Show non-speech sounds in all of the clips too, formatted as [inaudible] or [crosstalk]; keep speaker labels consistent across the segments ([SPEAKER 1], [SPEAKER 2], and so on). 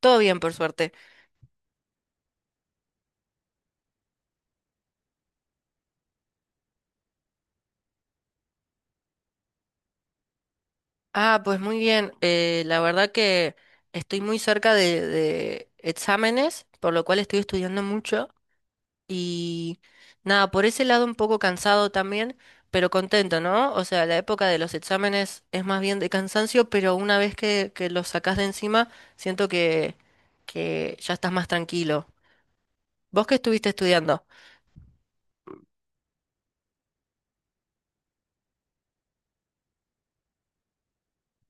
[SPEAKER 1] Todo bien, por suerte. Pues muy bien. La verdad que estoy muy cerca de exámenes, por lo cual estoy estudiando mucho. Y Nada, por ese lado un poco cansado también, pero contento, ¿no? O sea, la época de los exámenes es más bien de cansancio, pero una vez que los sacás de encima, siento que ya estás más tranquilo. ¿Vos qué estuviste estudiando?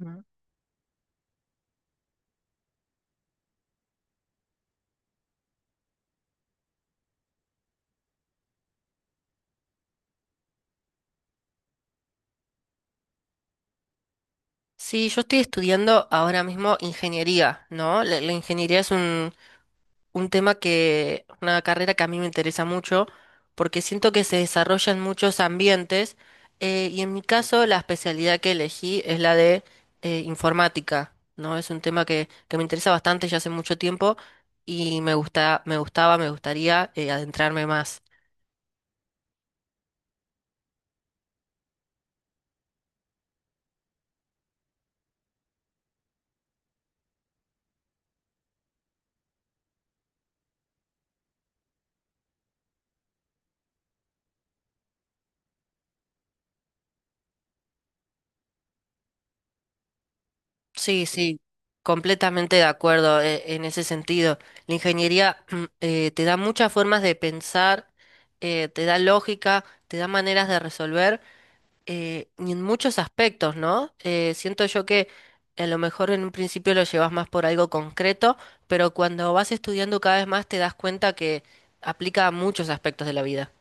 [SPEAKER 1] Mm. Sí, yo estoy estudiando ahora mismo ingeniería, ¿no? La ingeniería es un tema una carrera que a mí me interesa mucho, porque siento que se desarrolla en muchos ambientes, y en mi caso la especialidad que elegí es la de informática, ¿no? Es un tema que me interesa bastante ya hace mucho tiempo y me gusta, me gustaría adentrarme más. Sí, sí, completamente de acuerdo en ese sentido. La ingeniería [clears throat] te da muchas formas de pensar, te da lógica, te da maneras de resolver. Y en muchos aspectos, ¿no? Siento yo que a lo mejor en un principio lo llevas más por algo concreto, pero cuando vas estudiando cada vez más te das cuenta que aplica a muchos aspectos de la vida.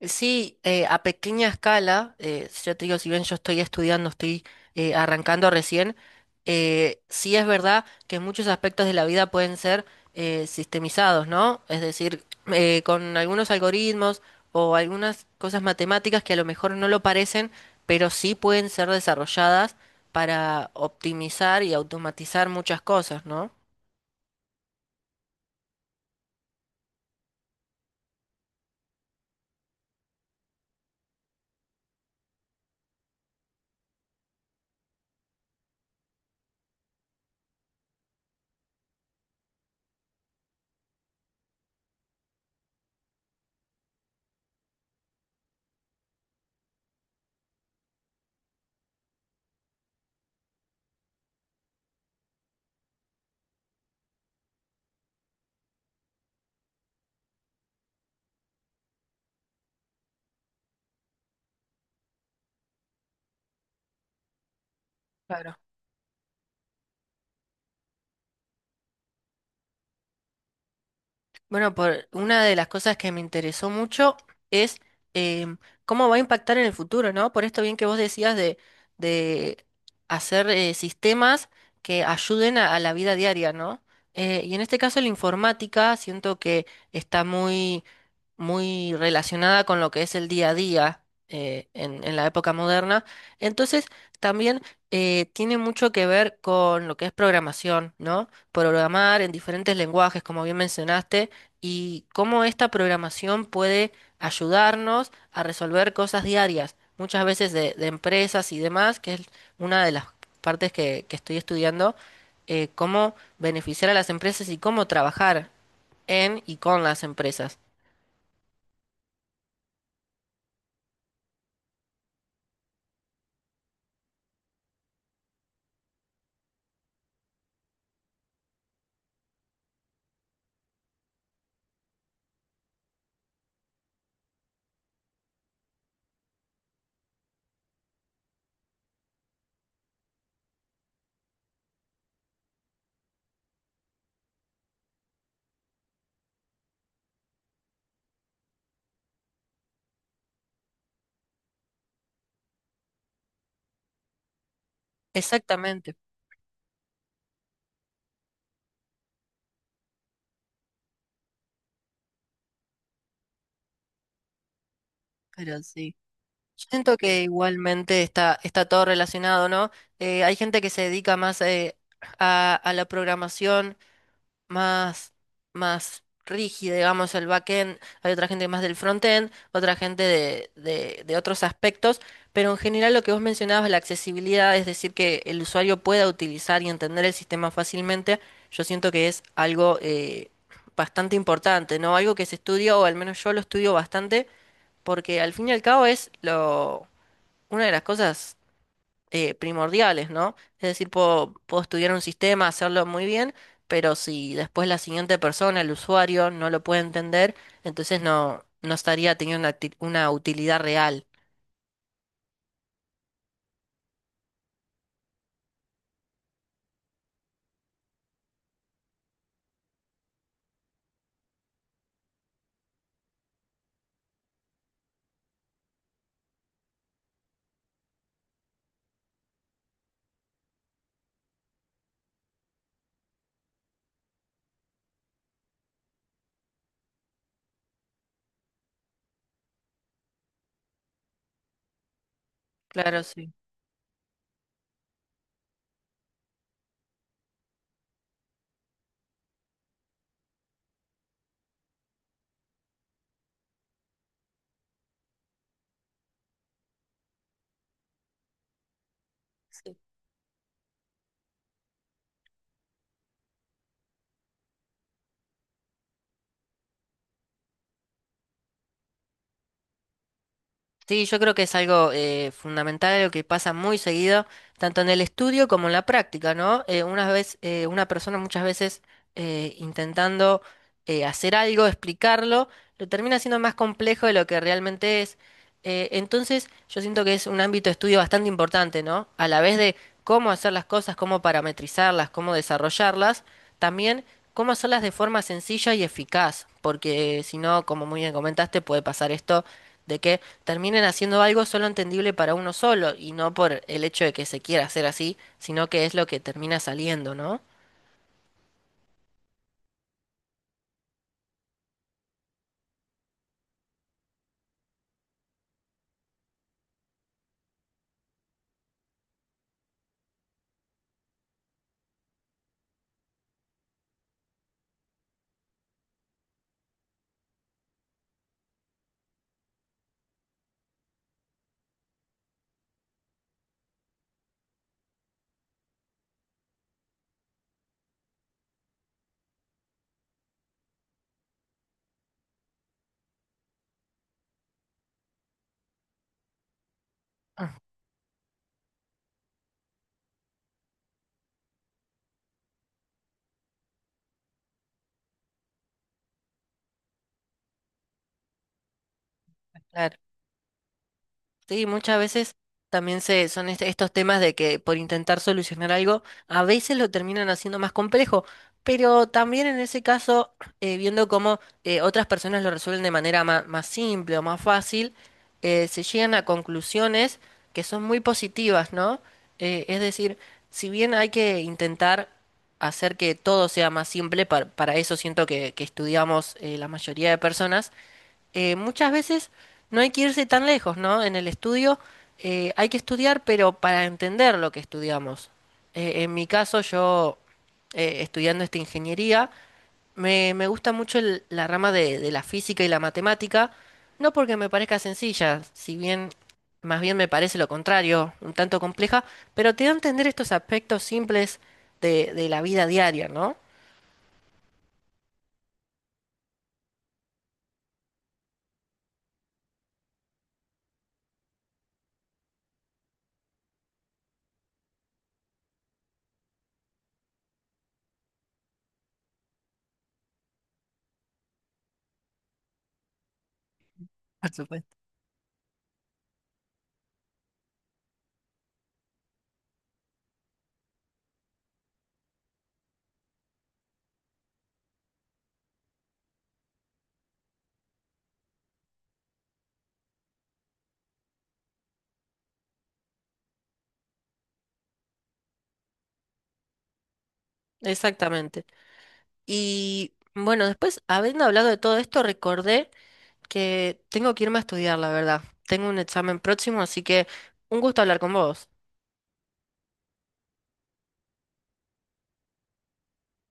[SPEAKER 1] Sí, a pequeña escala, si yo te digo, si bien yo estoy estudiando, estoy arrancando recién, sí es verdad que muchos aspectos de la vida pueden ser sistemizados, ¿no? Es decir, con algunos algoritmos o algunas cosas matemáticas que a lo mejor no lo parecen, pero sí pueden ser desarrolladas para optimizar y automatizar muchas cosas, ¿no? Claro. Bueno, por una de las cosas que me interesó mucho es em, cómo va a impactar en el futuro, ¿no? Por esto bien que vos decías de hacer sistemas que ayuden a la vida diaria, ¿no? Y en este caso la informática siento que está muy relacionada con lo que es el día a día en la época moderna. Entonces, también tiene mucho que ver con lo que es programación, ¿no? Programar en diferentes lenguajes, como bien mencionaste, y cómo esta programación puede ayudarnos a resolver cosas diarias, muchas veces de empresas y demás, que es una de las partes que estoy estudiando, cómo beneficiar a las empresas y cómo trabajar en y con las empresas. Exactamente, pero sí. Yo siento que igualmente está todo relacionado, ¿no? Hay gente que se dedica más a la programación más, más rígida, digamos, el backend, hay otra gente más del frontend, otra gente de otros aspectos, pero en general lo que vos mencionabas, la accesibilidad, es decir, que el usuario pueda utilizar y entender el sistema fácilmente, yo siento que es algo bastante importante, ¿no? Algo que se estudia, o al menos yo lo estudio bastante porque al fin y al cabo una de las cosas primordiales, ¿no? Es decir, puedo estudiar un sistema, hacerlo muy bien, pero si después la siguiente persona, el usuario, no lo puede entender, entonces no, no estaría teniendo una utilidad real. Claro, sí. Sí, yo creo que es algo fundamental, algo que pasa muy seguido, tanto en el estudio como en la práctica, ¿no? Una persona muchas veces intentando hacer algo, explicarlo, lo termina siendo más complejo de lo que realmente es. Entonces, yo siento que es un ámbito de estudio bastante importante, ¿no? A la vez de cómo hacer las cosas, cómo parametrizarlas, cómo desarrollarlas, también cómo hacerlas de forma sencilla y eficaz, porque si no, como muy bien comentaste, puede pasar esto de que terminen haciendo algo solo entendible para uno solo y no por el hecho de que se quiera hacer así, sino que es lo que termina saliendo, ¿no? Ah, claro. Sí, muchas veces también estos temas de que por intentar solucionar algo, a veces lo terminan haciendo más complejo, pero también en ese caso, viendo cómo otras personas lo resuelven de más simple o más fácil, se llegan a conclusiones que son muy positivas, ¿no? Es decir, si bien hay que intentar hacer que todo sea más simple, para eso siento que estudiamos la mayoría de personas, muchas veces no hay que irse tan lejos, ¿no? En el estudio hay que estudiar, pero para entender lo que estudiamos. En mi caso, yo estudiando esta ingeniería, me gusta mucho la rama de la física y la matemática, no porque me parezca sencilla, si bien más bien me parece lo contrario, un tanto compleja, pero te da a entender estos aspectos simples de la vida diaria, ¿no? Por supuesto. Exactamente. Y bueno, después, habiendo hablado de todo esto, recordé que tengo que irme a estudiar, la verdad. Tengo un examen próximo, así que un gusto hablar con vos.